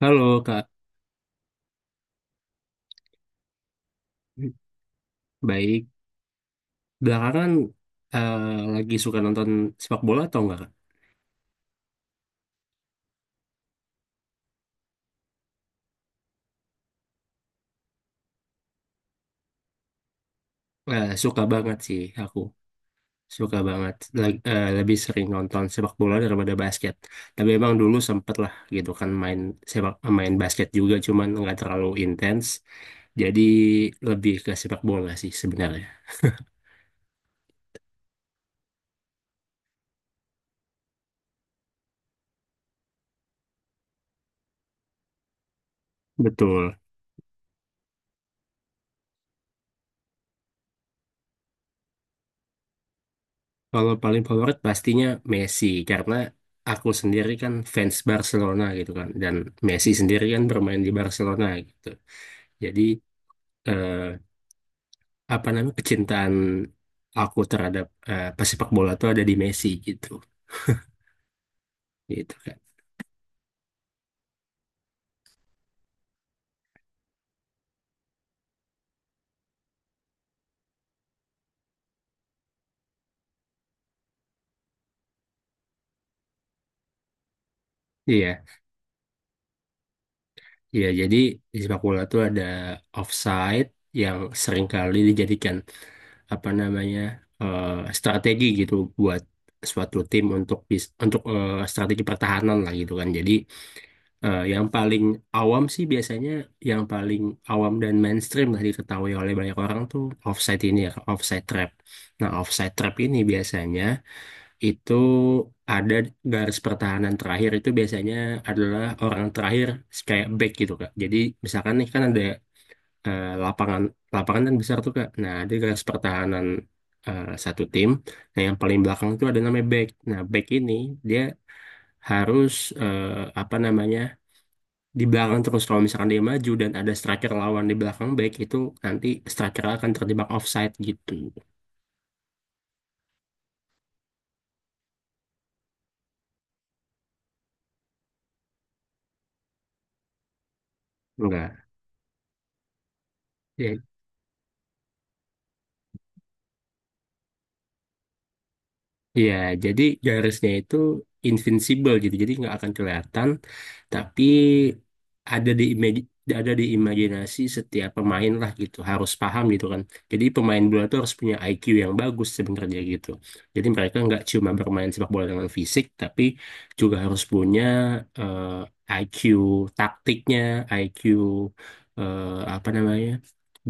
Halo Kak, baik. Belakangan eh, lagi suka nonton sepak bola atau enggak Kak? Suka banget sih aku, suka banget. Lebih sering nonton sepak bola daripada basket. Tapi emang dulu sempet lah gitu kan sepak main basket juga, cuman nggak terlalu intens. Jadi lebih ke sepak bola sih sebenarnya. Betul. Kalau paling favorit pastinya Messi karena aku sendiri kan fans Barcelona gitu kan dan Messi sendiri kan bermain di Barcelona gitu. Jadi eh, apa namanya, kecintaan aku terhadap pesepak bola tuh ada di Messi gitu, gitu kan. Iya, iya. Jadi di sepak bola tuh ada offside yang seringkali dijadikan apa namanya strategi gitu buat suatu tim untuk strategi pertahanan lah gitu kan. Jadi yang paling awam sih biasanya yang paling awam dan mainstream lah diketahui oleh banyak orang tuh offside ini ya, offside trap. Nah, offside trap ini biasanya itu ada garis pertahanan terakhir, itu biasanya adalah orang terakhir, kayak back gitu Kak. Jadi misalkan nih kan ada lapangan, lapangan besar tuh Kak. Nah, ada garis pertahanan satu tim. Nah, yang paling belakang itu ada namanya back. Nah, back ini dia harus eh, apa namanya, di belakang terus. Kalau misalkan dia maju dan ada striker lawan di belakang back itu, nanti striker akan terjebak offside gitu, enggak ya. Iya, jadi garisnya itu invincible gitu, jadi nggak akan kelihatan, tapi ada di imaj- ada di imajinasi setiap pemain lah gitu, harus paham gitu kan. Jadi pemain bola itu harus punya IQ yang bagus sebenarnya gitu. Jadi mereka nggak cuma bermain sepak bola dengan fisik, tapi juga harus punya eh, IQ taktiknya, IQ eh, apa namanya,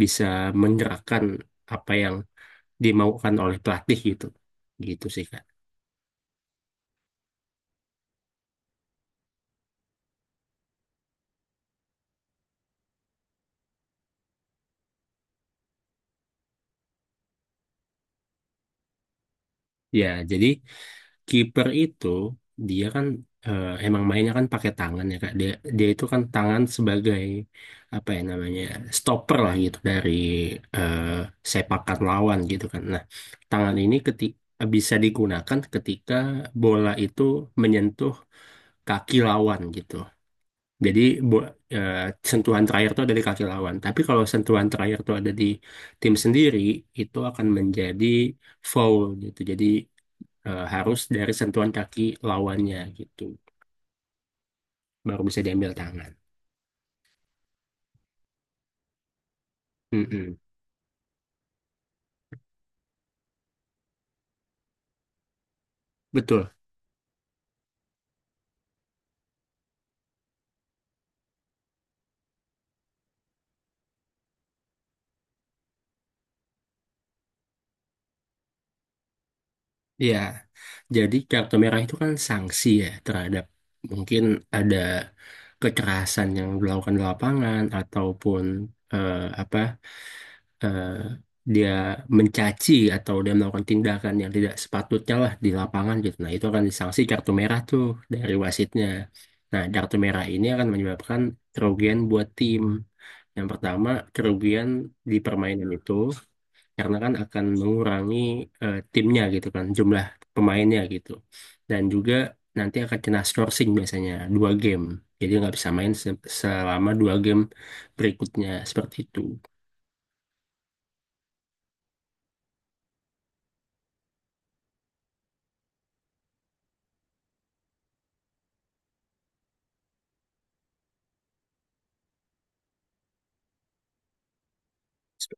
bisa menggerakkan apa yang dimaukan oleh pelatih gitu, gitu sih, Kak. Ya, jadi kiper itu dia kan emang mainnya kan pakai tangan ya Kak. Dia dia itu kan tangan sebagai apa ya namanya, stopper lah gitu dari eh, sepakan lawan gitu kan. Nah, tangan ini ketika bisa digunakan ketika bola itu menyentuh kaki lawan gitu. Jadi bo- eh, sentuhan terakhir itu ada di kaki lawan. Tapi kalau sentuhan terakhir itu ada di tim sendiri, itu akan menjadi foul gitu. Jadi harus dari sentuhan kaki lawannya gitu baru bisa diambil tangan. Mm-mm. Betul. Ya, jadi kartu merah itu kan sanksi ya terhadap mungkin ada kekerasan yang dilakukan di lapangan ataupun eh, apa eh, dia mencaci atau dia melakukan tindakan yang tidak sepatutnya lah di lapangan gitu. Nah, itu akan disanksi kartu merah tuh dari wasitnya. Nah, kartu merah ini akan menyebabkan kerugian buat tim. Yang pertama, kerugian di permainan itu karena kan akan mengurangi timnya gitu kan, jumlah pemainnya gitu. Dan juga nanti akan kena sourcing biasanya dua game. Jadi nggak bisa main selama dua game berikutnya seperti itu.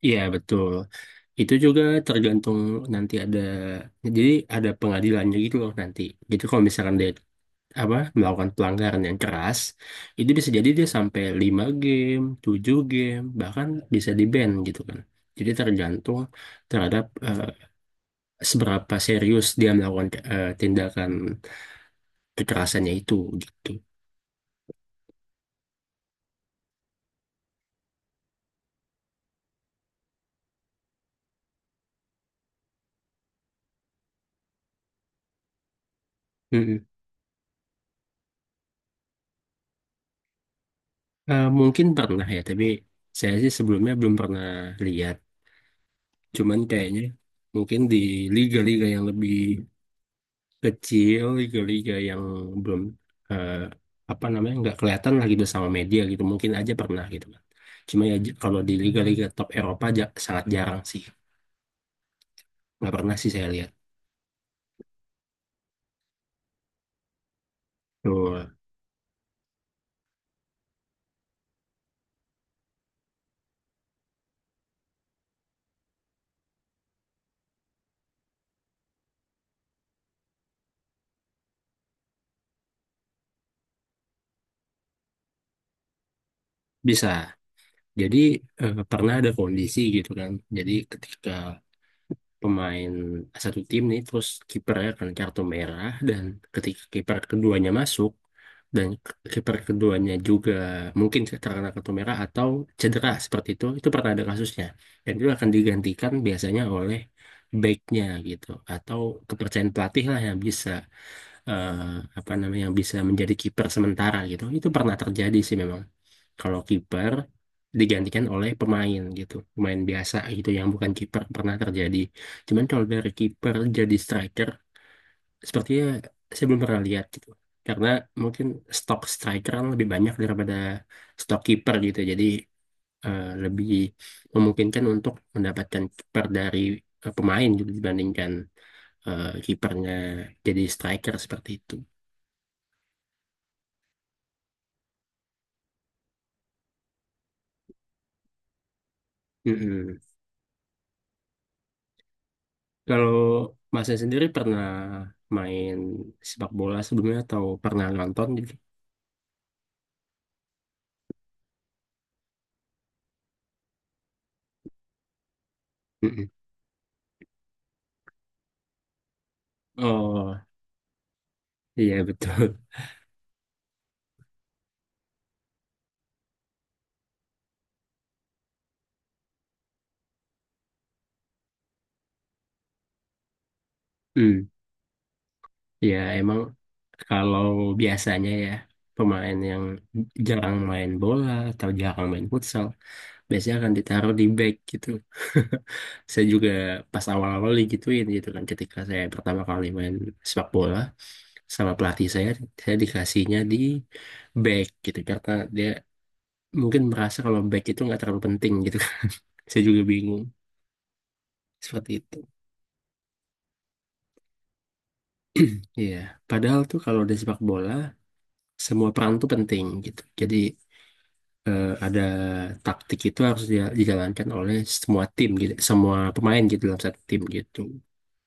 Iya betul. Itu juga tergantung, nanti ada, jadi ada pengadilannya gitu loh nanti. Jadi kalau misalkan dia apa melakukan pelanggaran yang keras, itu bisa jadi dia sampai lima game, 7 game, bahkan bisa di-ban gitu kan. Jadi tergantung terhadap seberapa serius dia melakukan tindakan kekerasannya itu gitu. Mm-mm. Mungkin pernah ya, tapi saya sih sebelumnya belum pernah lihat. Cuman kayaknya mungkin di liga-liga yang lebih kecil, liga-liga yang belum eh, apa namanya, nggak kelihatan lagi gitu sama media gitu, mungkin aja pernah gitu kan. Cuma ya kalau di liga-liga top Eropa aja sangat jarang sih, nggak pernah sih saya lihat tuh. Bisa jadi pernah ada kondisi gitu kan. Jadi ketika pemain satu tim nih terus kipernya kan kartu merah, dan ketika kiper keduanya masuk dan kiper keduanya juga mungkin terkena kartu merah atau cedera seperti itu pernah ada kasusnya. Dan itu akan digantikan biasanya oleh backnya gitu, atau kepercayaan pelatih lah yang bisa eh, apa namanya, yang bisa menjadi kiper sementara gitu. Itu pernah terjadi sih memang. Kalau kiper digantikan oleh pemain gitu, pemain biasa gitu yang bukan kiper, pernah terjadi. Cuman kalau dari kiper jadi striker, sepertinya saya belum pernah lihat gitu. Karena mungkin stok striker kan lebih banyak daripada stok kiper gitu. Jadi lebih memungkinkan untuk mendapatkan kiper dari pemain gitu, dibandingkan kipernya jadi striker seperti itu. Mm-mm. Kalau masnya sendiri pernah main sepak bola sebelumnya atau pernah nonton gitu? Mm-mm. Oh, iya betul. Hmm. Ya, emang kalau biasanya ya, pemain yang jarang main bola atau jarang main futsal biasanya akan ditaruh di back gitu. Saya juga pas awal-awal digituin gitu kan, ketika saya pertama kali main sepak bola sama pelatih saya dikasihnya di back gitu karena dia mungkin merasa kalau back itu nggak terlalu penting gitu kan. Saya juga bingung seperti itu. Iya, padahal tuh kalau di sepak bola semua peran tuh penting gitu. Jadi ada taktik itu harus dijalankan oleh semua tim gitu, semua pemain gitu dalam satu tim gitu.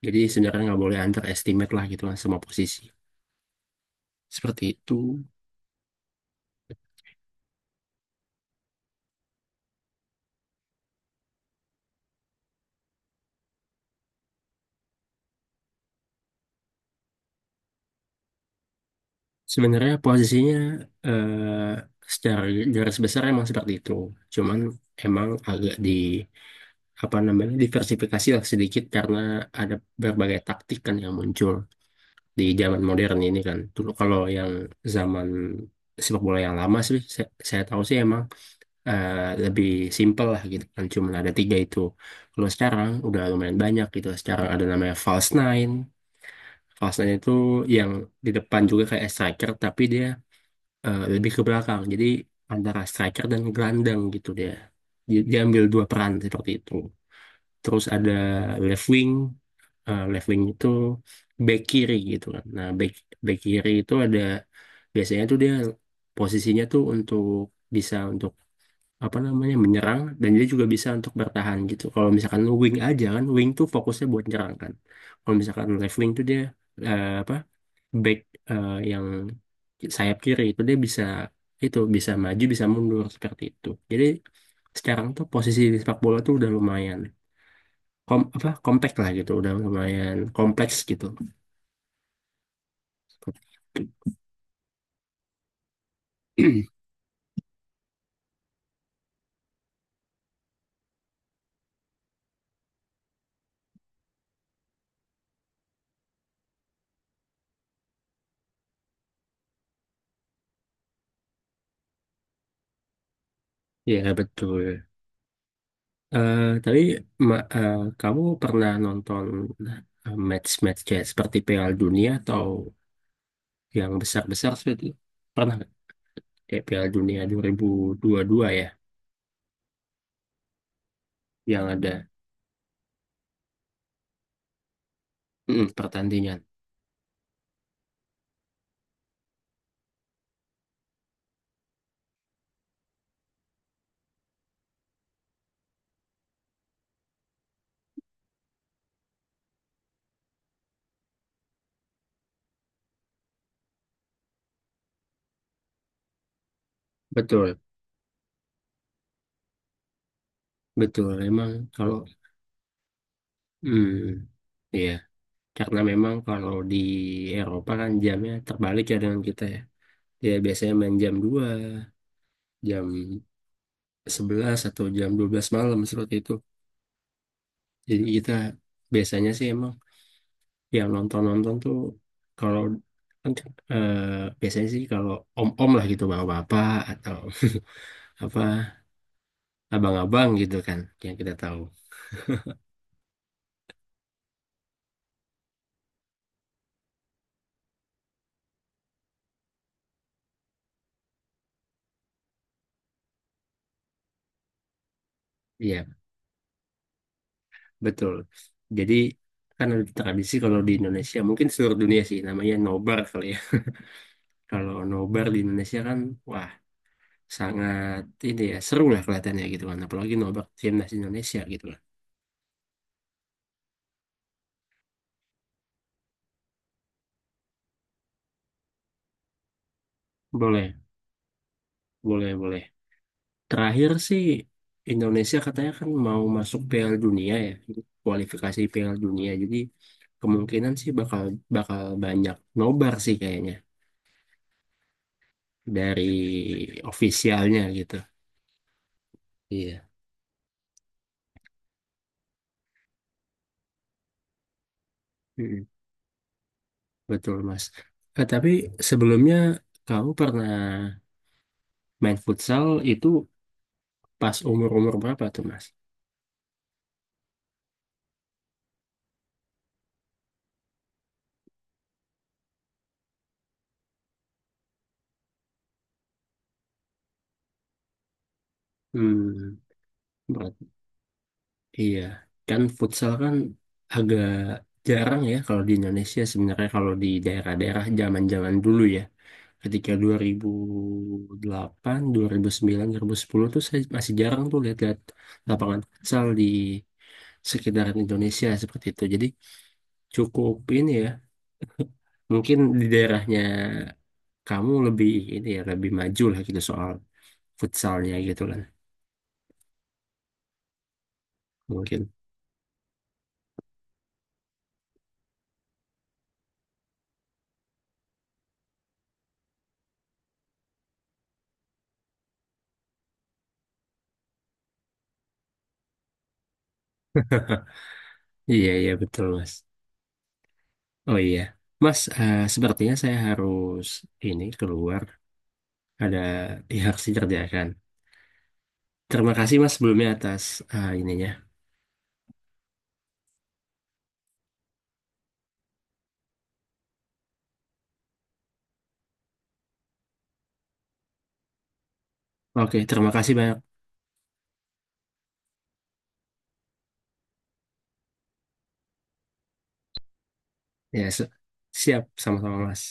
Jadi sebenarnya nggak boleh underestimate lah gitu kan semua posisi. Seperti itu. Sebenarnya posisinya eh, secara garis besar emang seperti itu. Cuman emang agak di apa namanya, diversifikasi lah sedikit, karena ada berbagai taktik kan yang muncul di zaman modern ini kan. Dulu kalau yang zaman sepak bola yang lama sih saya tahu sih emang eh, lebih simpel lah gitu kan, cuman ada tiga itu. Kalau sekarang udah lumayan banyak gitu. Sekarang ada namanya false nine. False nine itu yang di depan juga kayak striker tapi dia lebih ke belakang. Jadi antara striker dan gelandang gitu dia. Dia ambil dua peran seperti itu. Terus ada left wing, left wing itu back kiri gitu kan. Nah, back back kiri itu ada, biasanya tuh dia posisinya tuh untuk bisa untuk apa namanya, menyerang, dan dia juga bisa untuk bertahan gitu. Kalau misalkan wing aja kan, wing tuh fokusnya buat nyerang kan. Kalau misalkan left wing tuh dia apa back, yang sayap kiri itu dia bisa, itu bisa maju bisa mundur seperti itu. Jadi sekarang tuh posisi di sepak bola tuh udah lumayan kompleks lah gitu, udah lumayan kompleks gitu. Ya betul. Tapi kamu pernah nonton match-match kayak seperti Piala Dunia atau yang besar-besar seperti, pernah nggak? Kayak Piala Dunia 2022 ya, yang ada pertandingan. Betul. Betul, memang kalau hmm, iya, karena memang kalau di Eropa kan jamnya terbalik ya dengan kita ya. Ya, biasanya main jam 2, jam 11 atau jam 12 malam seperti itu. Jadi kita biasanya sih emang yang nonton-nonton tuh kalau kan eh, biasanya sih kalau om-om lah gitu, bapak-bapak, atau apa, abang-abang gitu kan yang kita tahu. Iya, betul. Jadi kan ada tradisi, kalau di Indonesia, mungkin seluruh dunia sih, namanya nobar kali ya. Kalau nobar di Indonesia kan, wah, sangat ini ya, seru lah kelihatannya gitu kan. Apalagi nobar timnas Indonesia gitu lah. Boleh, boleh, boleh. Terakhir sih Indonesia katanya kan mau masuk Piala Dunia ya, kualifikasi Piala Dunia. Jadi kemungkinan sih bakal bakal banyak nobar sih kayaknya dari ofisialnya gitu. Iya. Betul, Mas. Eh, tapi sebelumnya kamu pernah main futsal itu pas umur-umur berapa tuh, Mas? Hmm, berat. Iya. Kan futsal kan agak jarang ya kalau di Indonesia sebenarnya, kalau di daerah-daerah zaman-zaman dulu ya. Ketika dua dua ribu ribu delapan, 2009, 2010 tuh, saya masih jarang tuh lihat-lihat lapangan futsal di sekitaran Indonesia seperti itu. Jadi cukup ini ya. Mungkin di daerahnya kamu lebih ini ya, lebih maju lah gitu soal futsalnya gitu kan mungkin. Iya, iya, betul, Mas. Oh iya Mas, sepertinya saya harus ini keluar, ada yang harus dikerjakan. Terima kasih Mas sebelumnya atas ininya. Oke terima kasih banyak. Ya siap, sama-sama Mas.